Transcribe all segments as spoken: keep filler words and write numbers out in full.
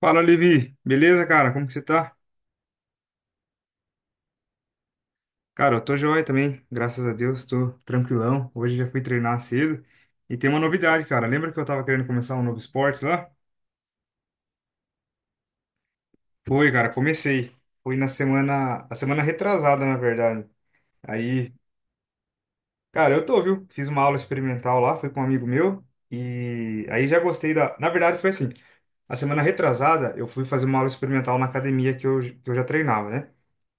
Fala, Levi. Beleza, cara? Como que você tá? Cara, eu tô joia também, graças a Deus, tô tranquilão. Hoje já fui treinar cedo. E tem uma novidade, cara. Lembra que eu tava querendo começar um novo esporte lá? Foi, cara, comecei. Foi na semana, a semana retrasada, na verdade. Aí, cara, eu tô, viu? Fiz uma aula experimental lá, fui com um amigo meu. E aí já gostei da. Na verdade, foi assim. A semana retrasada, eu fui fazer uma aula experimental na academia que eu, que eu já treinava, né?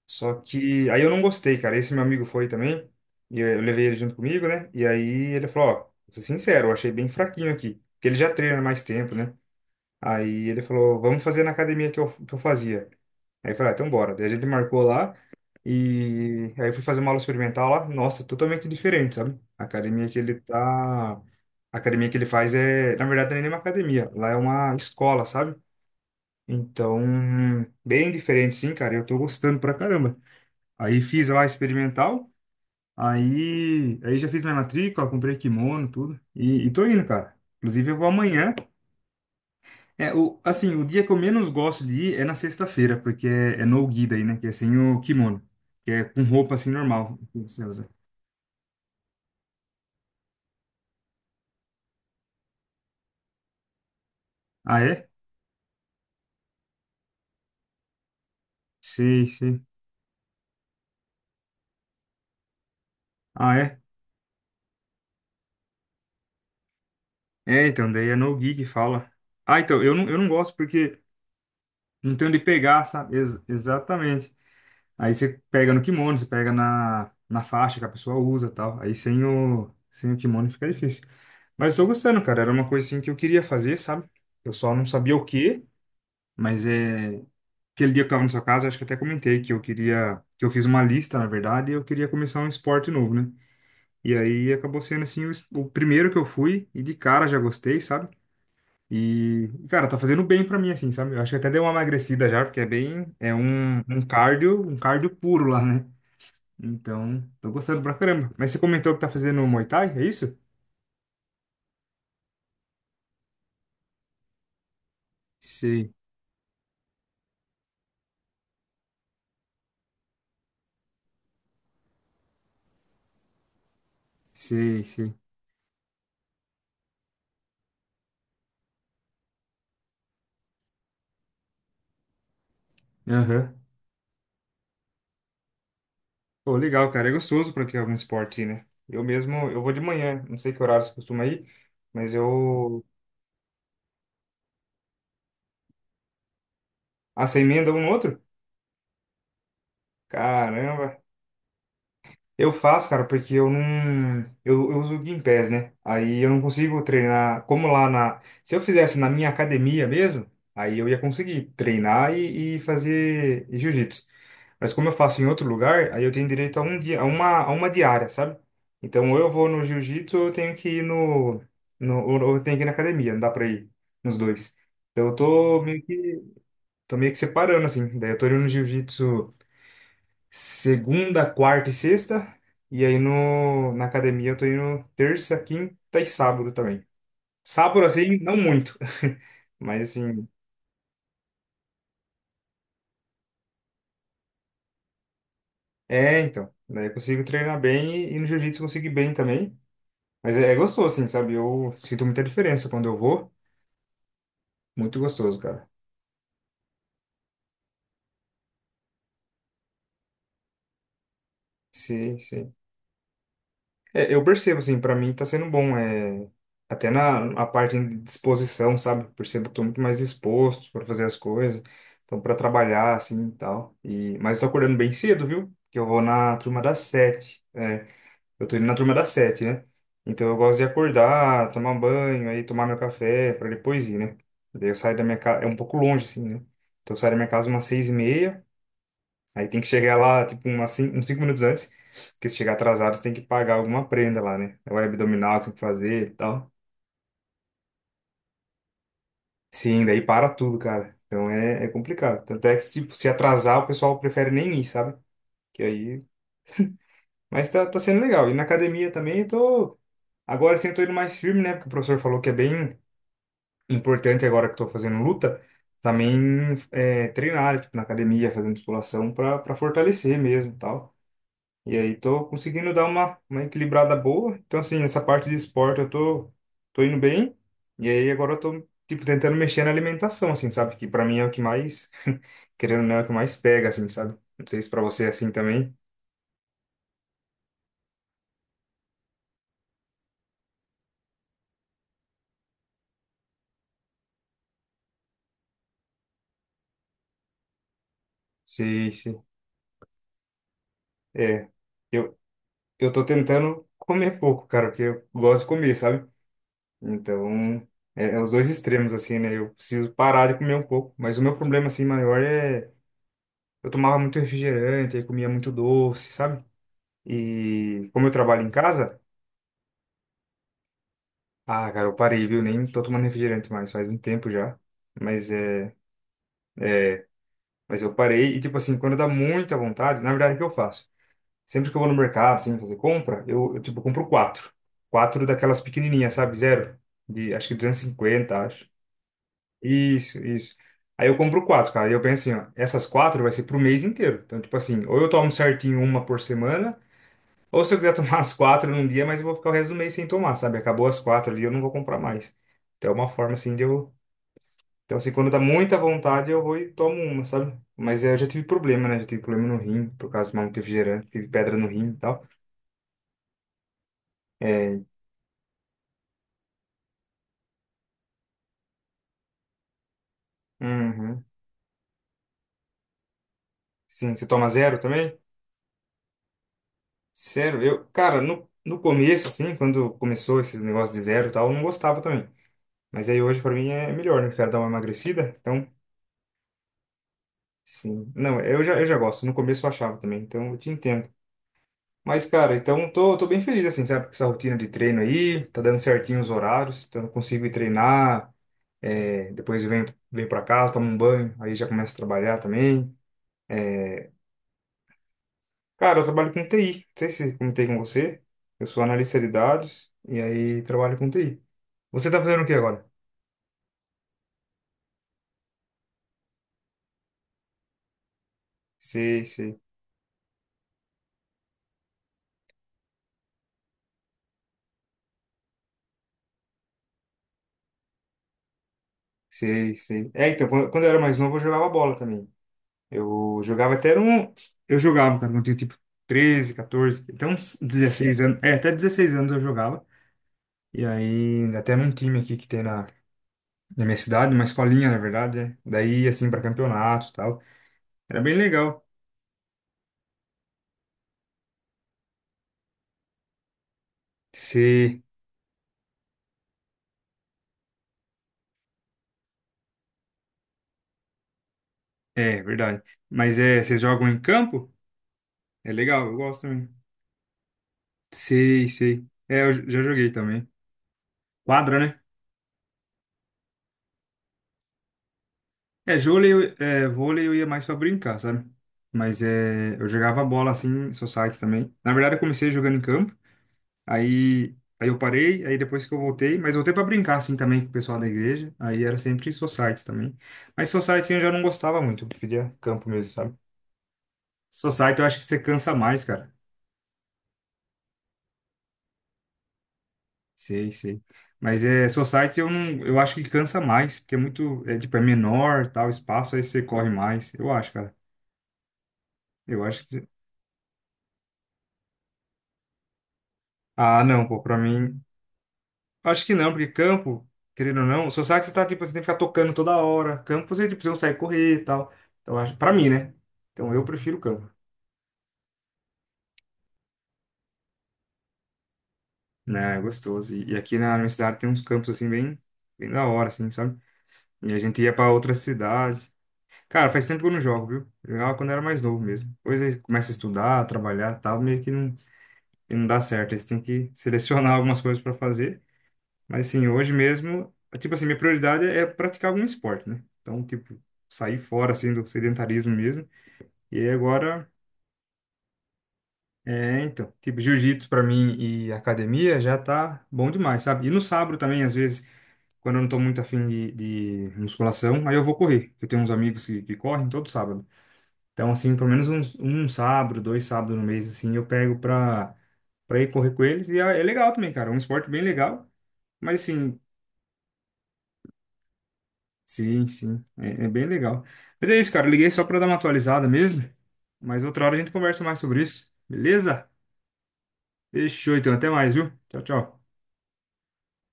Só que aí eu não gostei, cara. Esse meu amigo foi também. E eu eu levei ele junto comigo, né? E aí ele falou, ó, vou ser sincero, eu achei bem fraquinho aqui. Porque ele já treina mais tempo, né? Aí ele falou, vamos fazer na academia que eu, que eu fazia. Aí eu falei, ah, então bora. Daí a gente marcou lá. E aí eu fui fazer uma aula experimental lá. Nossa, totalmente diferente, sabe? A academia que ele tá... A academia que ele faz é... Na verdade, não é nem uma academia. Lá é uma escola, sabe? Então, bem diferente, sim, cara. Eu tô gostando pra caramba. Aí fiz lá experimental, aí, aí já fiz minha matrícula, comprei kimono, tudo. E, e tô indo, cara. Inclusive eu vou amanhã. É, o, assim, o dia que eu menos gosto de ir é na sexta-feira, porque é, é no-gi daí, né? Que é sem o kimono. Que é com roupa assim normal que você usa. Ah, é? Sei, sei. Ah, é? É, então, daí é no-gi que fala. Ah, então, eu não, eu não gosto porque não tem onde pegar, sabe? Ex- exatamente. Aí você pega no kimono, você pega na, na faixa que a pessoa usa e tal. Aí sem o, sem o kimono fica difícil. Mas eu tô gostando, cara. Era uma coisa assim que eu queria fazer, sabe? Eu só não sabia o quê, mas é. Aquele dia que eu tava na sua casa, acho que até comentei que eu queria. Que eu fiz uma lista, na verdade, e eu queria começar um esporte novo, né? E aí acabou sendo assim o, es- o primeiro que eu fui, e de cara já gostei, sabe? E, cara, tá fazendo bem pra mim, assim, sabe? Eu acho que até deu uma emagrecida já, porque é bem. É um, um cardio, um cardio puro lá, né? Então, tô gostando pra caramba. Mas você comentou que tá fazendo Muay Thai, é isso? Sei, sei, sei. Aham. Pô, legal, cara. É gostoso praticar algum esporte, né? Eu mesmo, eu vou de manhã. Não sei que horário você costuma ir, mas eu... Ah, você emenda um no outro? Caramba. Eu faço, cara, porque eu não... Eu, eu uso o Gympass, né? Aí eu não consigo treinar... Como lá na... Se eu fizesse na minha academia mesmo, aí eu ia conseguir treinar e, e fazer jiu-jitsu. Mas como eu faço em outro lugar, aí eu tenho direito a um dia, a uma, a uma diária, sabe? Então, ou eu vou no jiu-jitsu, ou eu tenho que ir no, no, ou ou eu tenho que ir na academia, não dá pra ir nos dois. Então, eu tô meio que, tô meio que separando, assim. Daí eu tô indo no jiu-jitsu segunda, quarta e sexta, e aí no, na academia eu tô indo terça, quinta e sábado também. Sábado, assim, não muito, mas assim, é, então. Daí eu consigo treinar bem e, e no jiu-jitsu eu consigo ir bem também. Mas é, é gostoso, assim, sabe? Eu sinto muita diferença quando eu vou. Muito gostoso, cara. Sim, sim. É, eu percebo, assim, pra mim tá sendo bom. É... Até na a parte de disposição, sabe? Percebo que eu tô muito mais disposto pra fazer as coisas. Então, pra trabalhar, assim, e tal. E... Mas tô acordando bem cedo, viu? Porque eu vou na turma das sete. É, eu tô indo na turma das sete, né? Então, eu gosto de acordar, tomar banho, aí tomar meu café pra depois ir, né? Daí eu saio da minha casa... É um pouco longe, assim, né? Então, eu saio da minha casa umas seis e meia. Aí tem que chegar lá, tipo, umas cin- uns cinco minutos antes, porque se chegar atrasado, você tem que pagar alguma prenda lá, né? É o abdominal que você tem que fazer e tal. Sim, daí para tudo, cara. Então é, é complicado. Tanto é que, tipo, se atrasar, o pessoal prefere nem ir, sabe? Que aí... Mas tá, tá sendo legal. E na academia também, eu tô... Agora sim, eu tô indo mais firme, né? Porque o professor falou que é bem importante agora que eu tô fazendo luta, também é, treinar, tipo, na academia, fazer musculação pra, pra fortalecer mesmo e tal. E aí tô conseguindo dar uma, uma equilibrada boa. Então, assim, essa parte de esporte eu tô, tô indo bem. E aí agora eu tô, tipo, tentando mexer na alimentação, assim, sabe? Que pra mim é o que mais, querendo ou não, é o que mais pega, assim, sabe? Não sei se pra você é assim também. Sim, sim. É. Eu, eu tô tentando comer pouco, cara, porque eu gosto de comer, sabe? Então, é, é os dois extremos, assim, né? Eu preciso parar de comer um pouco. Mas o meu problema, assim, maior é... Eu tomava muito refrigerante, aí comia muito doce, sabe? E como eu trabalho em casa, ah, cara, eu parei, viu? Nem tô tomando refrigerante mais, faz um tempo já. Mas é, mas eu parei e tipo assim, quando dá muita vontade, na verdade o que eu faço? Sempre que eu vou no mercado, assim, fazer compra, eu, eu tipo compro quatro. Quatro daquelas pequenininhas, sabe? Zero, de acho que duzentos e cinquenta, acho. Isso, isso. Aí eu compro quatro, cara. E eu penso assim, ó, essas quatro vai ser pro mês inteiro. Então, tipo assim, ou eu tomo certinho uma por semana, ou se eu quiser tomar as quatro num dia, mas eu vou ficar o resto do mês sem tomar, sabe? Acabou as quatro ali, eu não vou comprar mais. Então é uma forma assim de eu. Então, assim, quando dá muita vontade, eu vou e tomo uma, sabe? Mas eh, eu já tive problema, né? Já tive problema no rim, por causa de tomar muito refrigerante, tive pedra no rim e tal. É. Uhum. Sim, você toma zero também? Zero. Eu, cara, no, no começo, assim, quando começou esses negócios de zero e tal, eu não gostava também. Mas aí hoje, pra mim, é melhor, né? Quero dar uma emagrecida, então. Sim. Não, eu já, eu já gosto. No começo eu achava também, então eu te entendo. Mas, cara, então tô, tô bem feliz, assim, sabe, com essa rotina de treino aí, tá dando certinho os horários, então eu consigo ir treinar, é, depois eu venho, venho, pra casa, tomo um banho, aí já começo a trabalhar também. Cara, eu trabalho com T I, não sei se comentei com você, eu sou analista de dados e aí trabalho com T I. Você tá fazendo o que agora? Sei, sei, sei, sei. É, então, quando, quando eu era mais novo, eu jogava bola também. Eu jogava até um Eu jogava, cara, quando eu tinha, tipo, treze quatorze, até uns dezesseis anos, é, até dezesseis anos eu jogava. E aí, até num time aqui que tem na, na minha cidade, uma escolinha, na verdade, né? Daí, assim, pra campeonato e tal. Era bem legal. Você. É, verdade. Mas é, vocês jogam em campo? É legal, eu gosto também. Sei, sei. É, eu j- já joguei também. Quadra, né? É, vôlei, eu- é, vôlei eu ia mais pra brincar, sabe? Mas é, eu jogava bola assim, society também. Na verdade, eu comecei jogando em campo. Aí, aí eu parei, aí depois que eu voltei, mas voltei para brincar assim também com o pessoal da igreja. Aí era sempre society também. Mas society assim, eu já não gostava muito, eu preferia campo mesmo, sabe? Society eu acho que você cansa mais, cara. Sei, sei. Mas é society eu não, eu acho que cansa mais, porque é muito, é tipo é menor, tal espaço, aí você corre mais. Eu acho, cara. Eu acho que Ah, não, pô, para mim Acho que não, porque campo, querendo ou não, o sabe você tá, tipo, você tem que ficar tocando toda hora. Campo você, tipo, você consegue correr e tal. Então, acho, pra mim, né? Então, eu prefiro campo. Né, é gostoso. E, e aqui na minha cidade tem uns campos, assim, bem, bem da hora, assim, sabe? E a gente ia pra outras cidades. Cara, faz tempo que eu não jogo, viu? Eu jogava quando eu era mais novo mesmo. Depois aí começa a estudar, trabalhar e tal, meio que não, que não dá certo. Aí você tem que selecionar algumas coisas pra fazer. Mas assim, hoje mesmo, tipo assim, minha prioridade é praticar algum esporte, né? Então, tipo, sair fora assim do sedentarismo mesmo. E aí agora, é, então, tipo, jiu-jitsu pra mim e academia já tá bom demais, sabe? E no sábado também, às vezes, quando eu não tô muito afim de, de musculação, aí eu vou correr. Eu tenho uns amigos que, que correm todo sábado. Então, assim, pelo menos uns, um sábado, dois sábados no mês, assim, eu pego pra, pra ir correr com eles. E é é legal também, cara. É um esporte bem legal. Mas assim, Sim, sim. É, é bem legal. Mas é isso, cara. Eu liguei só pra dar uma atualizada mesmo. Mas outra hora a gente conversa mais sobre isso. Beleza? Fechou, então. Até mais, viu? Tchau, tchau.